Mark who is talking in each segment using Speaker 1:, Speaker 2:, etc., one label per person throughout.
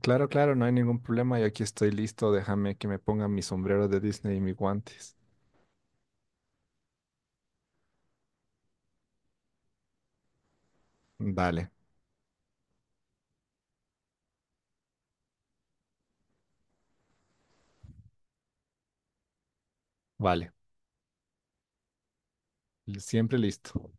Speaker 1: Claro, claro, no hay ningún problema. Yo aquí estoy listo. Déjame que me ponga mi sombrero de Disney y mis guantes. Dale, vale. Siempre listo.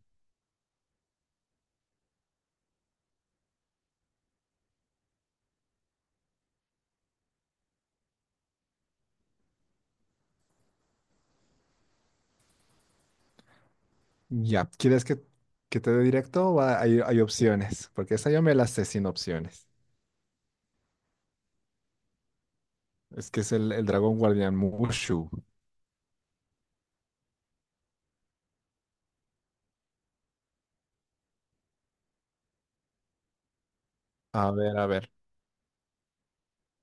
Speaker 1: Ya, ¿quieres que te dé directo o hay opciones? Porque esa yo me la sé sin opciones. Es que es el dragón guardián Mushu. A ver, a ver.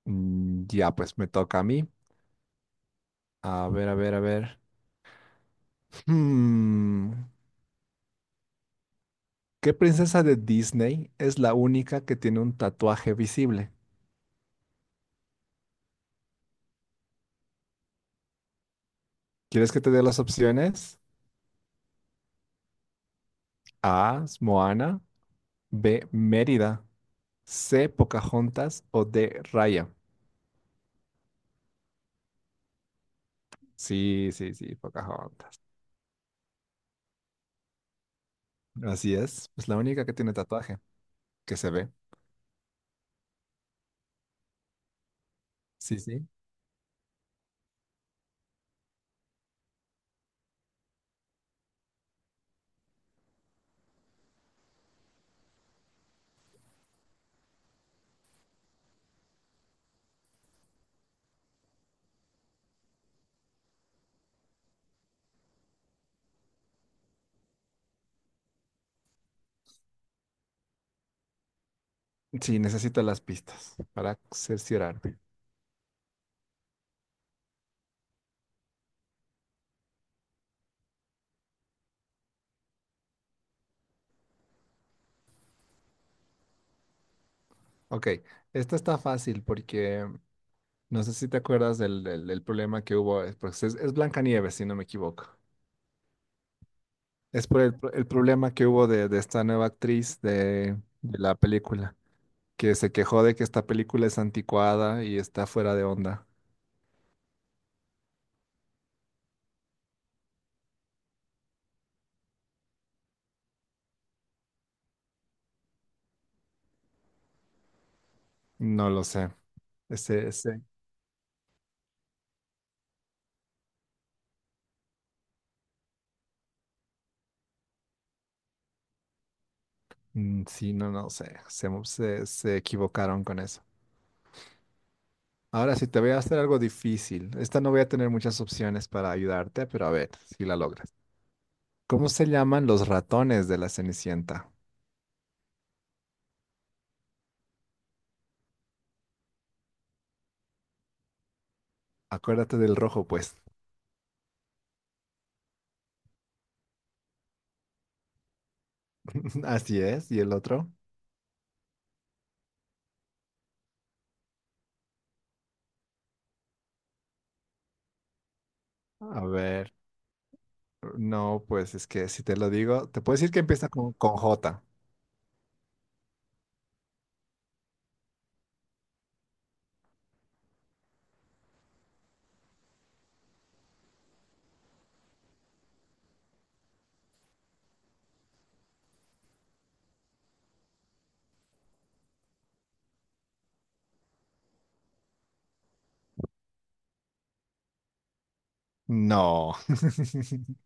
Speaker 1: Ya, pues me toca a mí. A ver, a ver, a ver. Hmm, ¿Qué princesa de Disney es la única que tiene un tatuaje visible? ¿Quieres que te dé las opciones? A, Moana. B, Mérida. C, Pocahontas o D, Raya. Sí, sí, sí, Pocahontas. Así es. Es la única que tiene tatuaje, que se ve. Sí, sí. Sí, necesito las pistas para cerciorarme. Ok, esta está fácil porque no sé si te acuerdas del problema que hubo. Es, porque es Blancanieves, si no me equivoco. Es por el problema que hubo de esta nueva actriz de la película, que se quejó de que esta película es anticuada y está fuera de onda. No lo sé. Este, este, sí, no, no sé. Se equivocaron con eso. Ahora sí, te voy a hacer algo difícil. Esta no voy a tener muchas opciones para ayudarte, pero a ver si la logras. ¿Cómo se llaman los ratones de la Cenicienta? Acuérdate del rojo, pues. Así es. ¿Y el otro? A ver. No, pues es que si te lo digo, te puedo decir que empieza con J. No.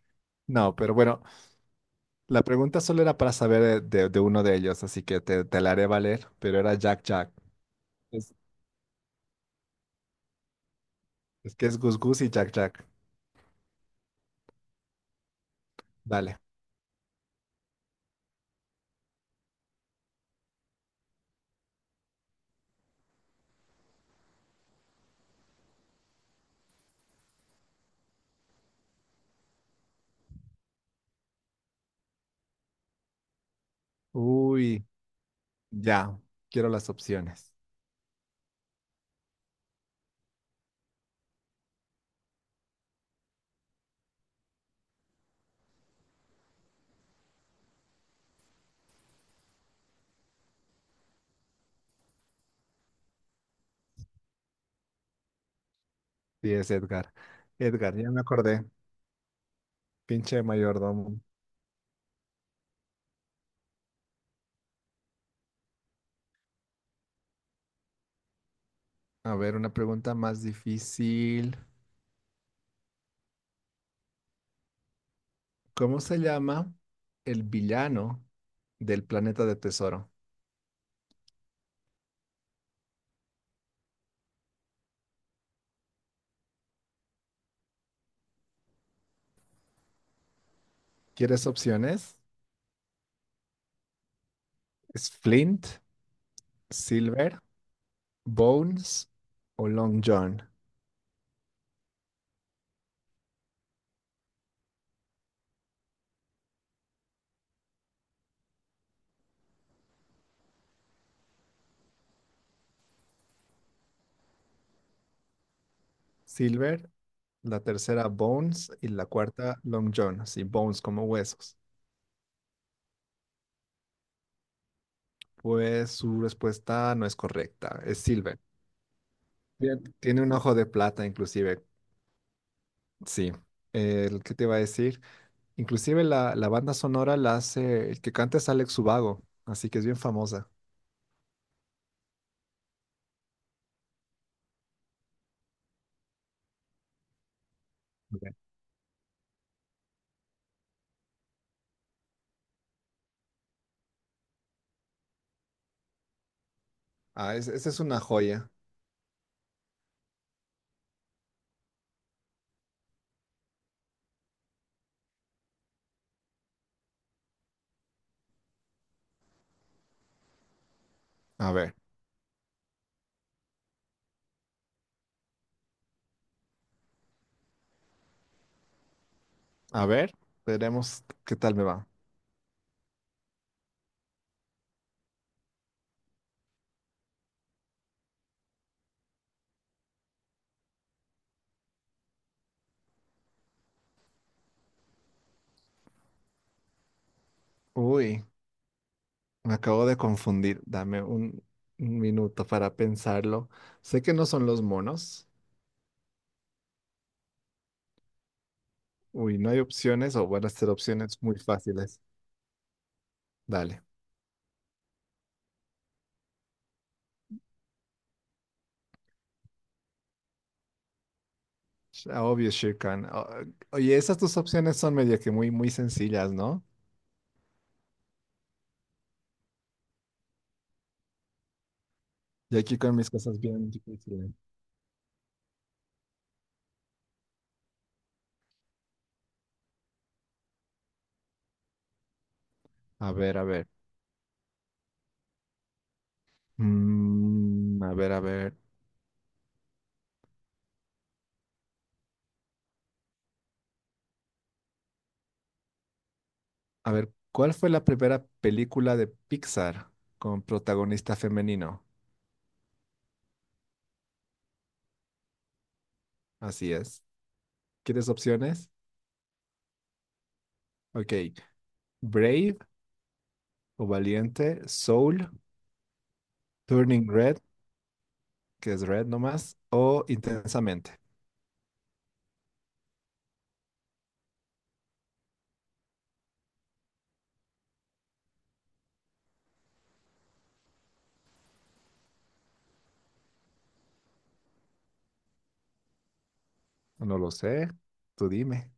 Speaker 1: No, pero bueno, la pregunta solo era para saber de, de uno de ellos, así que te la haré valer, pero era Jack Jack. Es, es que es Gus Gus y Jack Jack. Dale. Uy, ya. Quiero las opciones. Sí, es Edgar. Edgar, ya me acordé. Pinche mayordomo. A ver, una pregunta más difícil. ¿Cómo se llama el villano del planeta de tesoro? ¿Quieres opciones? ¿Es Flint, Silver, Bones o Long John? Silver, la tercera Bones y la cuarta Long John. Sí, Bones como huesos. Pues su respuesta no es correcta, es Silver. Bien. Tiene un ojo de plata inclusive, sí. El que te iba a decir, inclusive la banda sonora la hace, el que canta es Alex Ubago, así que es bien famosa. Ok. Ah, esa es una joya. A ver, a ver, veremos qué tal me va. Uy, me acabo de confundir, dame un minuto para pensarlo. Sé que no son los monos. Uy, no hay opciones, o van a ser opciones muy fáciles. Dale. Ah, obvio, Shirkan. Oye, esas dos opciones son medio que muy, muy sencillas, ¿no? Y aquí con mis cosas bien difíciles. A ver, a ver. A ver, a ver. A ver, ¿cuál fue la primera película de Pixar con protagonista femenino? Así es. ¿Quieres opciones? Ok. Brave o Valiente, Soul, Turning Red, que es Red nomás, o Intensamente. No lo sé. Tú dime.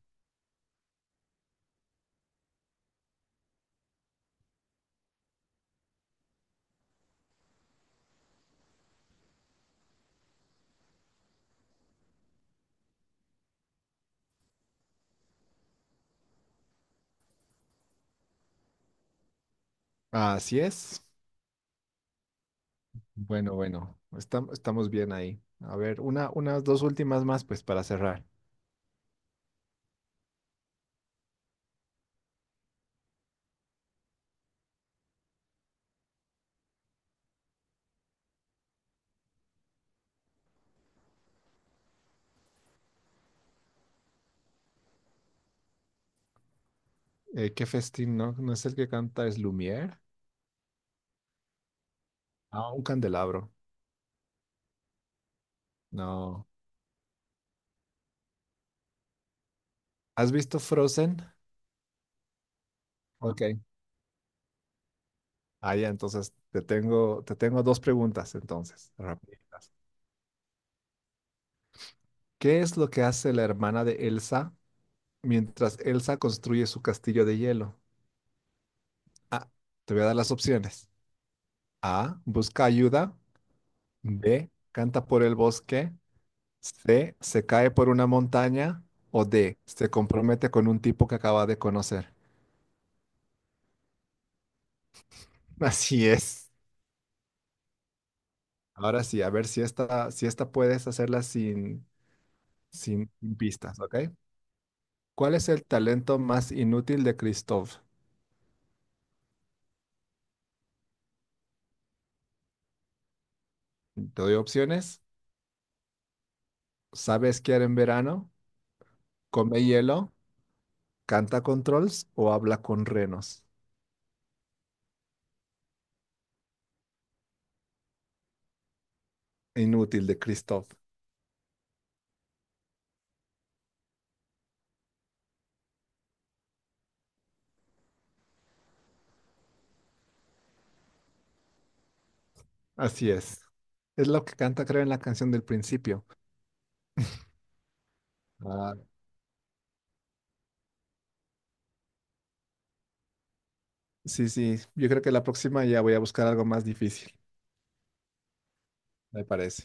Speaker 1: Así es. Bueno, bueno, estamos bien ahí. A ver, una, unas dos últimas más, pues para cerrar. ¿Qué festín, no? ¿No es el que canta es Lumière? Ah, un candelabro. No. ¿Has visto Frozen? Ok. Ah, ya, entonces te tengo dos preguntas, entonces, rapiditas. ¿Qué es lo que hace la hermana de Elsa mientras Elsa construye su castillo de hielo? Ah, te voy a dar las opciones. A, busca ayuda. B, canta por el bosque. C, se cae por una montaña o D, se compromete con un tipo que acaba de conocer. Así es. Ahora sí, a ver si esta, si esta puedes hacerla sin, sin pistas, ¿ok? ¿Cuál es el talento más inútil de Christoph? Te doy opciones. ¿Sabe esquiar en verano? ¿Come hielo? ¿Canta con trolls o habla con renos? Inútil de Christoph. Así es. Es lo que canta, creo, en la canción del principio. Ah, sí, sí, yo creo que la próxima ya voy a buscar algo más difícil, me parece.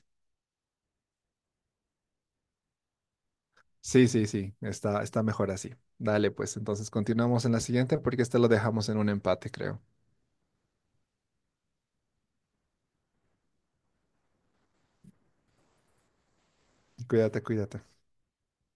Speaker 1: Sí, sí, sí, está, está mejor así. Dale, pues entonces continuamos en la siguiente porque este lo dejamos en un empate, creo. Cuídate, cuídate.